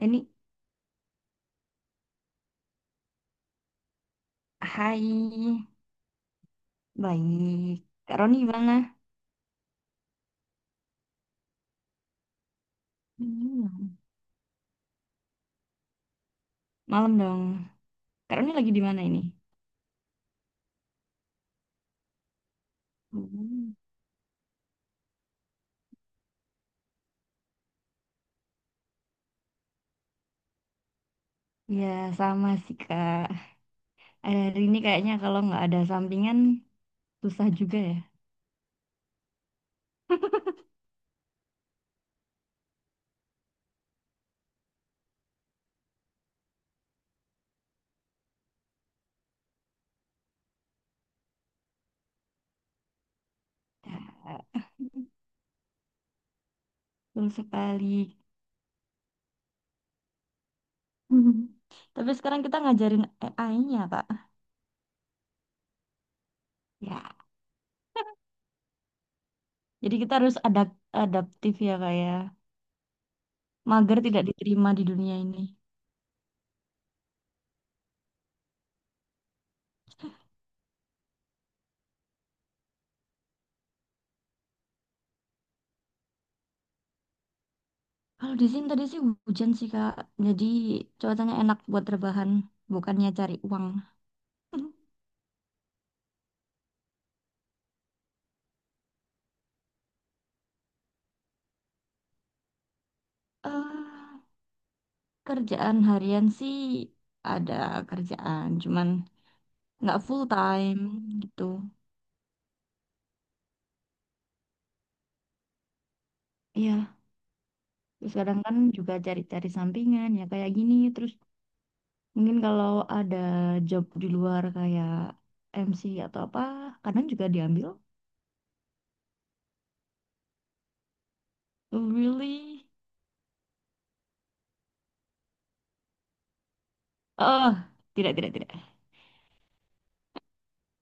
Ini, hai, baik. Kak Roni gimana? Hmm. Malam dong. Kak Roni lagi di mana ini? Hmm. Ya, sama sih Kak. Hari ini kayaknya kalau nggak ada sampingan, susah juga ya. Ya, betul sekali. Mhm. Tapi sekarang kita ngajarin AI-nya, Kak. Ya, jadi kita harus adaptif ya, Kak ya. Mager tidak diterima di dunia ini. Kalau di sini tadi sih hujan sih Kak, jadi cuacanya enak buat rebahan, bukannya cari uang. eh Kerjaan harian sih ada kerjaan, cuman nggak full time gitu. Iya, terus kadang kan juga cari-cari sampingan ya kayak gini. Terus mungkin kalau ada job di luar kayak MC atau apa, kadang juga diambil. Oh, really? Oh, tidak, tidak, tidak.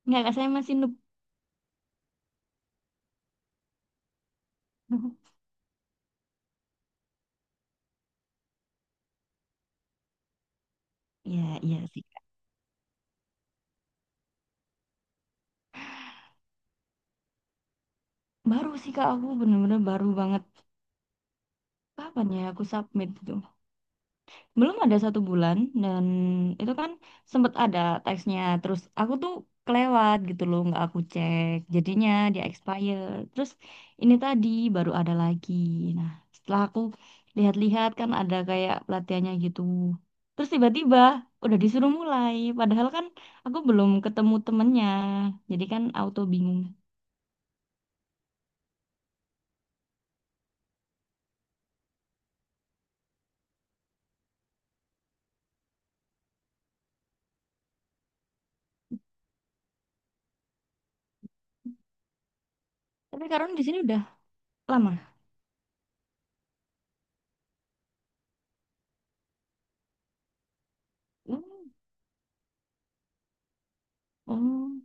Nggak, Kak, saya masih noob. Ya, iya sih. Baru sih Kak, aku bener-bener baru banget. Kapan ya aku submit itu? Belum ada satu bulan dan itu kan sempet ada teksnya. Terus aku tuh kelewat gitu loh, nggak aku cek. Jadinya dia expire. Terus ini tadi baru ada lagi. Nah, setelah aku lihat-lihat kan ada kayak pelatihannya gitu. Terus tiba-tiba udah disuruh mulai. Padahal kan aku belum ketemu temennya. Jadi kan auto bingung. Tapi karena di sini udah lama. Hmm. Oh.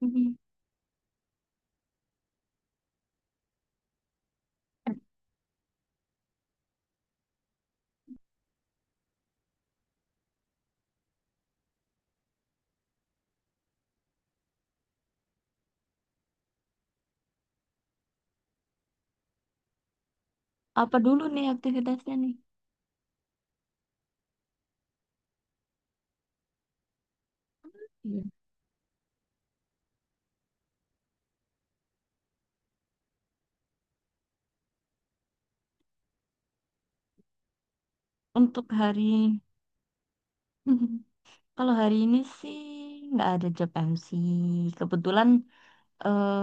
Mhm. Eh, Apa dulu nih aktivitasnya nih? Iya. Untuk hari kalau hari ini sih nggak ada job MC. Kebetulan eh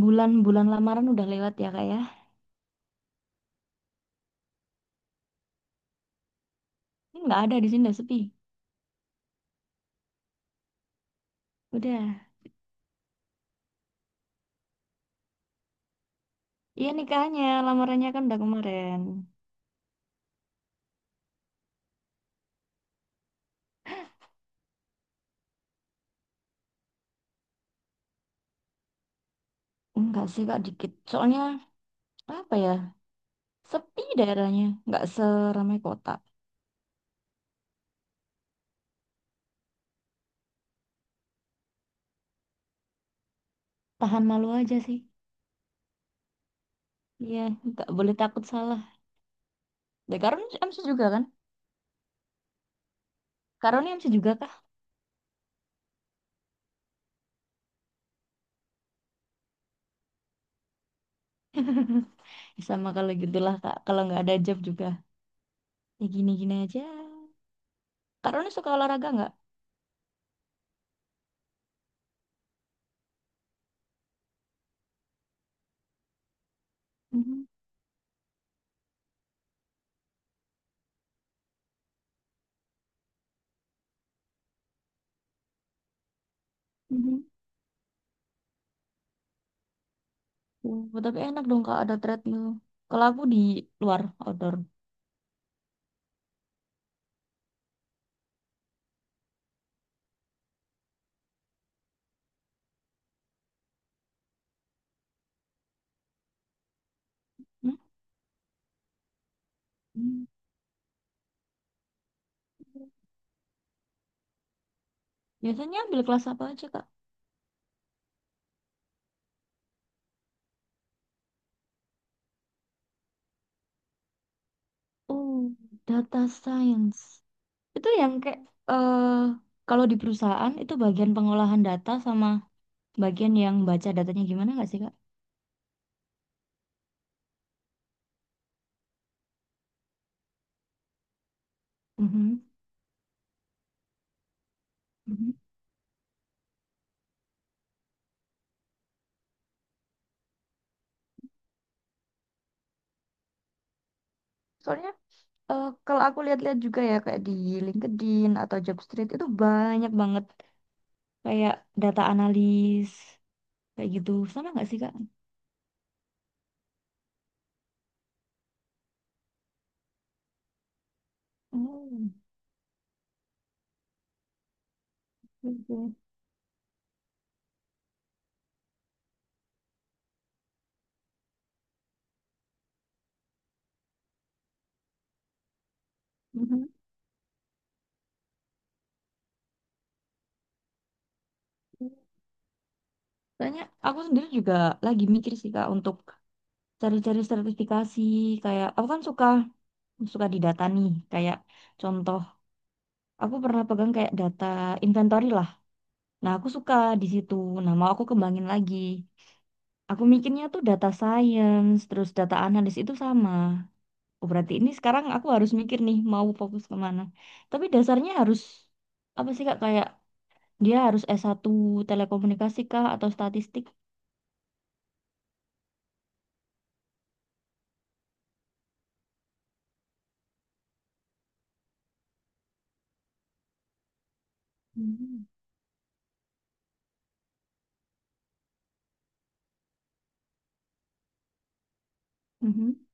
bulan-bulan lamaran udah lewat ya kak ya. Ini nggak ada, di sini udah sepi. Udah. Iya nikahnya, lamarannya kan udah kemarin. Enggak sih kak dikit. Soalnya apa ya? Sepi daerahnya. Nggak seramai kota. Tahan malu aja sih. Iya, nggak boleh takut salah. Ya Karun MC juga kan? Karun MC juga kah? Sama kalau gitulah kak, kalau nggak ada job juga ya gini-gini aja. Kak Roni suka olahraga nggak? Mhm, mhm. Oh, tapi enak dong kak ada treadmill, kalau aku di luar outdoor. Hmm? Hmm. Biasanya ambil kelas apa aja kak? Oh, data science. Itu yang kayak eh kalau di perusahaan itu bagian pengolahan data sama bagian yang baca datanya gimana nggak sih kak? Mhm, mhm. Soalnya kalau aku lihat-lihat juga ya kayak di LinkedIn atau Jobstreet itu banyak banget kayak data analis kayak gitu sama nggak sih kak? Oh, gitu. Mhm. Soalnya aku sendiri juga lagi mikir sih kak untuk cari-cari sertifikasi, kayak aku kan suka suka di data nih, kayak contoh aku pernah pegang kayak data inventory lah. Nah aku suka di situ. Nah mau aku kembangin lagi. Aku mikirnya tuh data science terus data analis itu sama. Oh, berarti ini sekarang aku harus mikir nih mau fokus kemana. Tapi dasarnya harus apa sih kak, kayak dia harus S1 telekomunikasi kah atau statistik? Hmm. Mhm.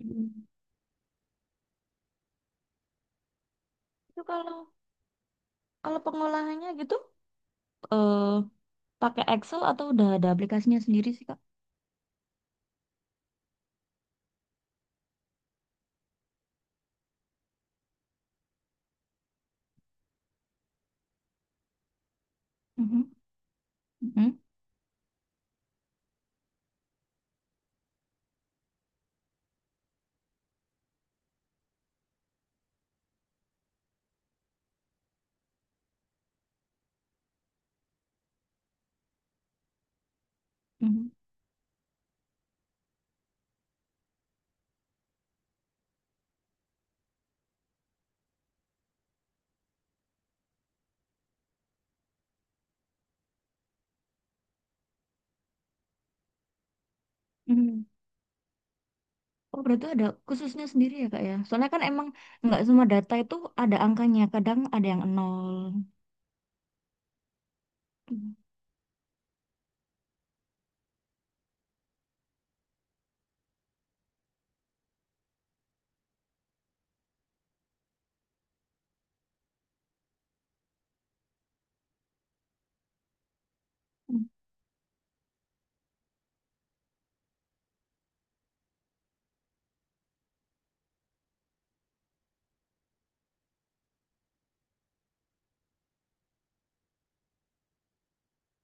Hmm. Itu kalau kalau pengolahannya gitu. Eh, Pakai Excel atau udah ada aplikasinya sendiri sih, Kak? Mhm. Mhm. Mhm. Mhm. Oh, berarti ada khususnya sendiri ya, Kak ya? Soalnya kan emang nggak semua data itu ada angkanya. Kadang ada yang nol. Mhm.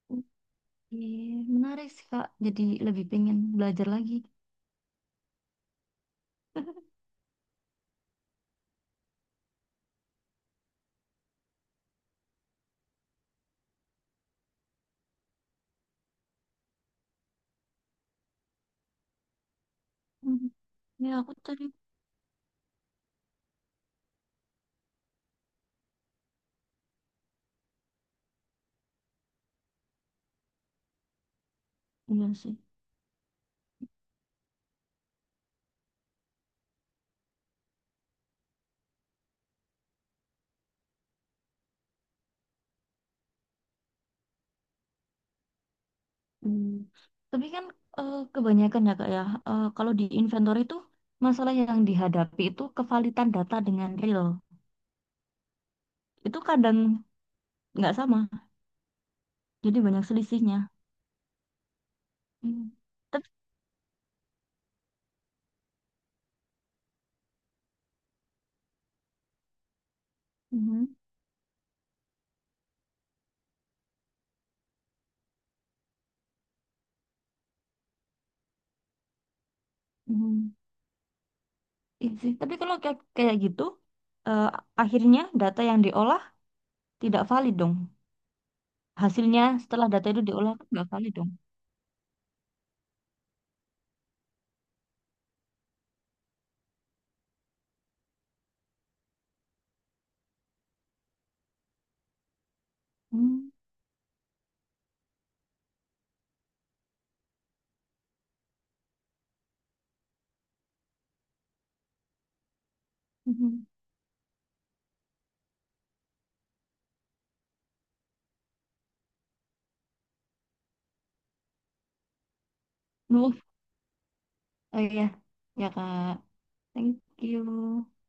Oke, menarik sih, Kak. Jadi lebih pengen belajar lagi. Mhm. Ya aku tadi. Iya sih. Hmm, tapi kan kebanyakan ya Kak ya, kalau di inventory itu masalah yang dihadapi itu kevalitan data dengan real. Itu kadang nggak sama, jadi banyak selisihnya. Hmm. Tapi, mhm, mhm. Iya sih. Tapi kalau kayak, kayak gitu, eh, akhirnya data yang diolah tidak valid dong. Hasilnya setelah data itu diolah kan nggak valid dong. Hmm. Mhm. Duh, oh iya, ya Kak. Thank you.